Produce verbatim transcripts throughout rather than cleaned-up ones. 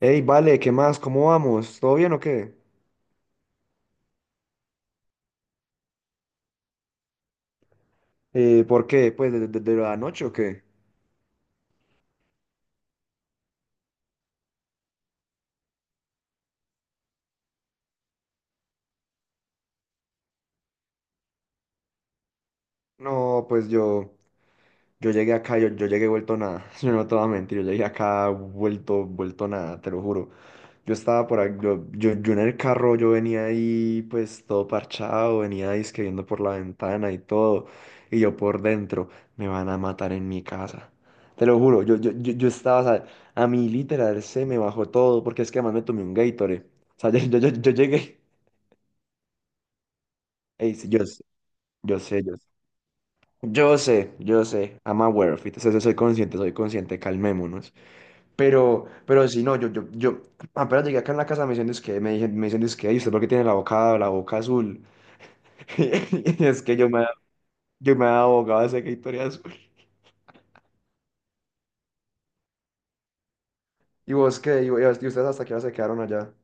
Ey, vale, ¿qué más? ¿Cómo vamos? ¿Todo bien o qué? Eh, ¿por qué? ¿Pues desde la noche o qué? No, pues yo. Yo llegué acá, yo, yo llegué vuelto nada. Yo no te voy a mentir, yo llegué acá vuelto, vuelto nada, te lo juro. Yo estaba por ahí, yo, yo, yo en el carro, yo venía ahí pues todo parchado, venía ahí que viendo por la ventana y todo. Y yo por dentro, me van a matar en mi casa. Te lo juro, yo, yo, yo, yo estaba, o sea, a mí literal se me bajó todo, porque es que además me tomé un Gatorade. O sea, yo, yo, yo, yo llegué, ey, sí, yo sé, yo sé, yo sé. Yo sé, yo sé, I'm aware of it, o soy consciente, soy consciente, calmémonos. Pero, pero sí, no, yo, yo, yo apenas llegué acá en la casa, me dicen, es que, me dicen, me dicen, es que, "Ay, ¿usted por qué tiene la boca, la boca azul?" Y es que yo me, yo me abogaba de esa historia azul. ¿Y vos qué? ¿Y, y ustedes hasta qué hora se quedaron allá?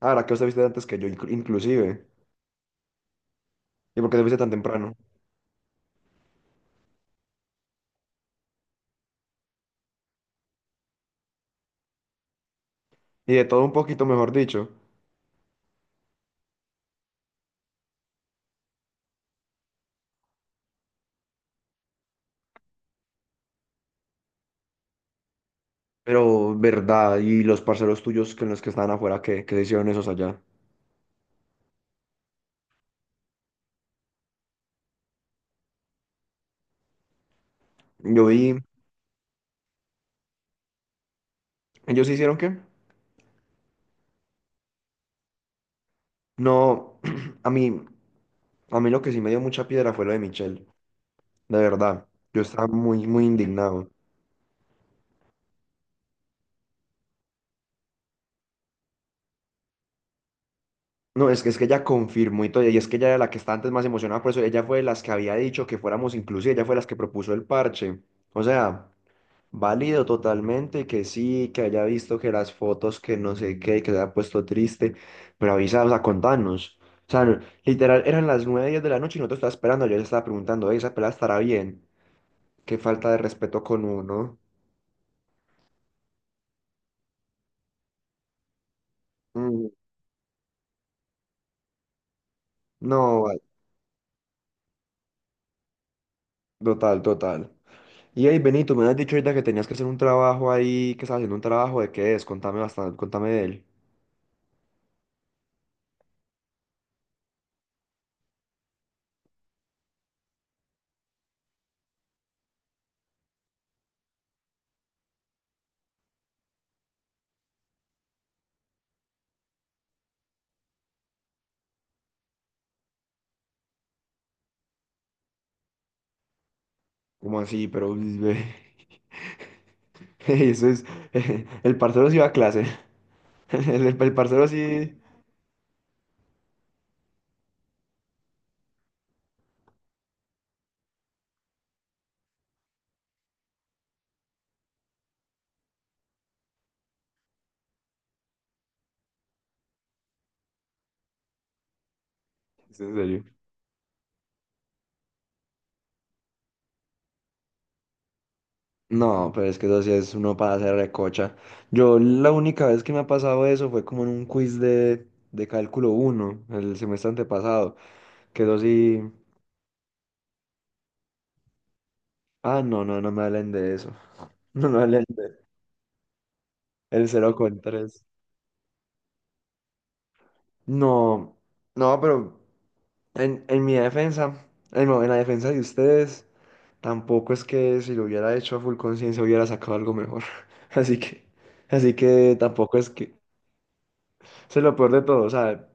Ah, la que usted viste antes que yo, inclu- inclusive. ¿Y por qué te viste tan temprano? Y de todo un poquito, mejor dicho. Pero, verdad, y los parceros tuyos con los que estaban afuera, ¿qué, qué hicieron esos allá? Yo vi, ¿ellos sí hicieron qué? No, a mí, a mí lo que sí me dio mucha piedra fue lo de Michelle. De verdad, yo estaba muy, muy indignado. No, es que, es que ella confirmó y todo, y es que ella era la que estaba antes más emocionada, por eso ella fue de las que había dicho que fuéramos inclusive, ella fue de las que propuso el parche. O sea, válido totalmente que sí, que haya visto que las fotos, que no sé qué, que se haya puesto triste, pero avisa, o sea, contanos. O sea, no- literal, eran las nueve diez de la noche y nosotros estábamos esperando, yo le estaba preguntando, "Ey, ¿esa pelada estará bien? Qué falta de respeto con uno." Mm, no, vale, total, total. Y ahí, Benito, me has dicho ahorita que tenías que hacer un trabajo ahí, que estás haciendo un trabajo, ¿de qué es? Contame bastante, contame de él. ¿Cómo así? Pero, uy, ve, eso es, el parcero sí va a clase, el, el parcero sí, es en serio. No, pero es que eso sí es uno para hacer recocha. Yo la única vez que me ha pasado eso fue como en un quiz de, de cálculo uno el semestre antepasado, que eso sí, ah, no, no, no me hablen de eso, no me hablen de el cero con tres. No, no, pero... En, en mi defensa, en, no, en la defensa de ustedes, tampoco es que si lo hubiera hecho a full conciencia hubiera sacado algo mejor. Así que, así que tampoco es que, eso es lo peor de todo, o sea,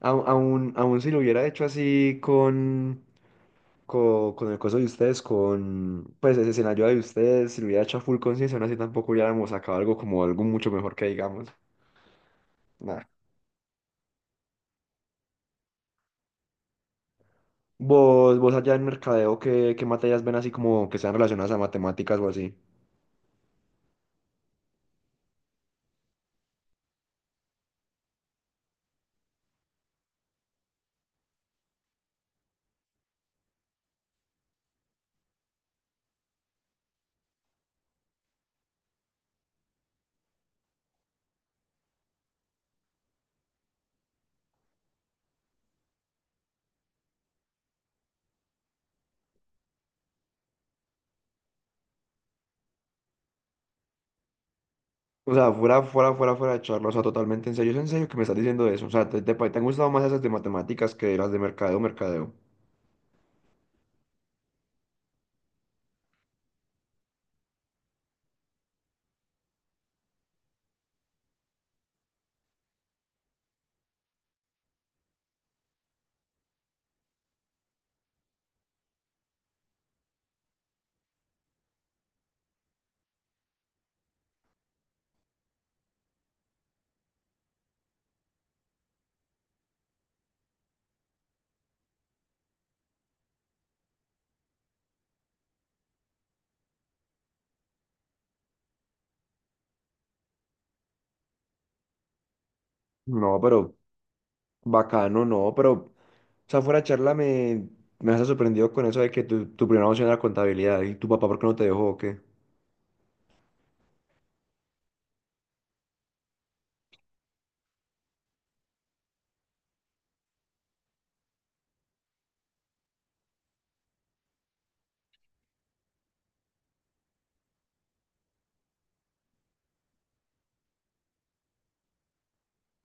au- aún, aún si lo hubiera hecho así con, co- con, el coso de ustedes, con, pues ese escenario de ustedes, si lo hubiera hecho a full conciencia, aún así tampoco hubiéramos sacado algo como algo mucho mejor que digamos. Nah. Vos, vos allá en mercadeo, ¿qué, qué materias ven así como que sean relacionadas a matemáticas o así? O sea, fuera, fuera, fuera, fuera de charla, o sea, totalmente en serio, es en serio que me estás diciendo eso. O sea, te, te, pa- te han gustado más esas de matemáticas que las de mercadeo, mercadeo. No, pero bacano, no, pero, o sea, fuera de charla me, me has sorprendido con eso de que tu, tu primera opción era contabilidad y tu papá, ¿por qué no te dejó o qué?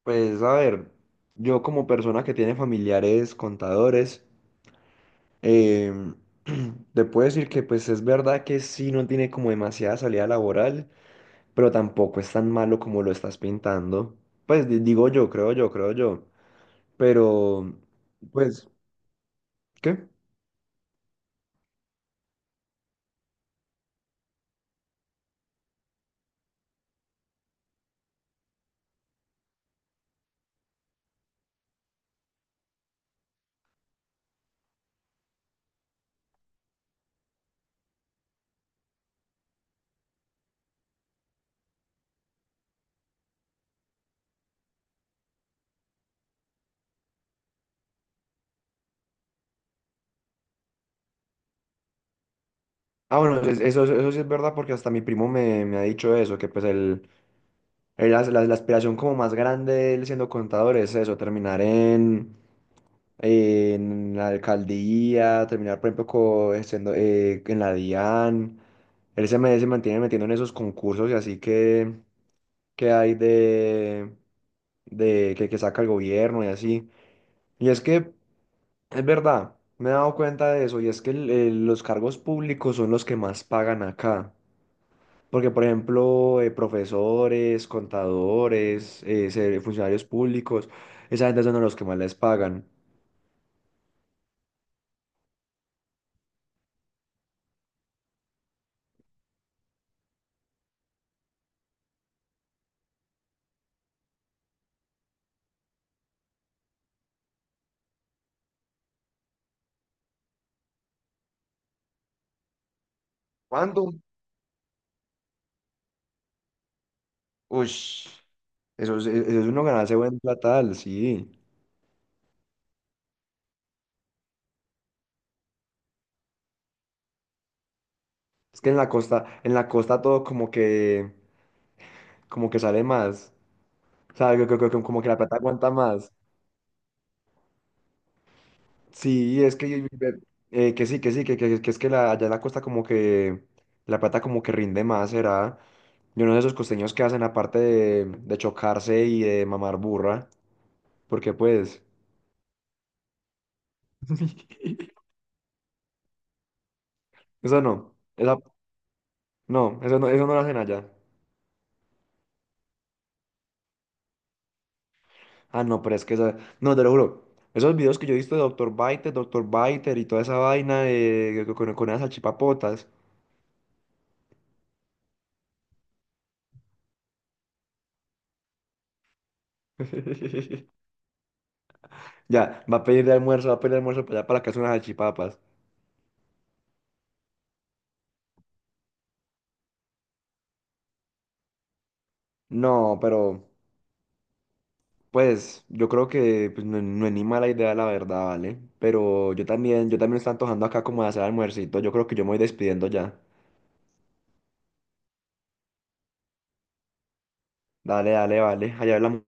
Pues, a ver, yo como persona que tiene familiares contadores, em, te puedo decir que, pues, es verdad que sí no tiene como demasiada salida laboral, pero tampoco es tan malo como lo estás pintando. Pues di- digo yo, creo yo, creo yo. Pero, pues, ¿qué? Ah, bueno, es- eso, eso sí es verdad porque hasta mi primo me, me ha dicho eso, que pues el, el- la, la- la aspiración como más grande de él siendo contador es eso, terminar en, en la alcaldía, terminar, por ejemplo, co- siendo, eh, en la DIAN. Él se, me- se mantiene metiendo en esos concursos y así que, que hay de, de que, que saca el gobierno y así. Y es que es verdad, me he dado cuenta de eso, y es que el- el- los cargos públicos son los que más pagan acá. Porque, por ejemplo, eh, profesores, contadores, eh, se- funcionarios públicos, esa gente son a los que más les pagan. ¿Cuándo? Uy, eso es, e, eso es uno ganarse buen platal, sí. Es que en la costa, en la costa todo como que, como que sale más. O sea, co- co- co- como que la plata aguanta más. Sí, es que, eh, que sí, que sí, que, que, que es que la, allá en la costa como que la plata como que rinde más, será. Yo no sé esos costeños que hacen aparte de, de chocarse y de mamar burra, porque pues, eso no, esa- no, eso no, eso no lo hacen allá. Ah, no, pero es que esa, no, te lo juro, esos videos que yo he visto de doctor Biter, doctor Biter y toda esa vaina de, con, con esas salchipapotas. Ya, va a pedir de almuerzo, va a pedir de almuerzo para allá para la casa unas salchipapas. No, pero... Pues yo creo que pues, no, no es ni mala idea la verdad, ¿vale? Pero yo también, yo también me está antojando acá como de hacer almuercito. Yo creo que yo me voy despidiendo ya. Dale, dale, vale. Allá hablamos.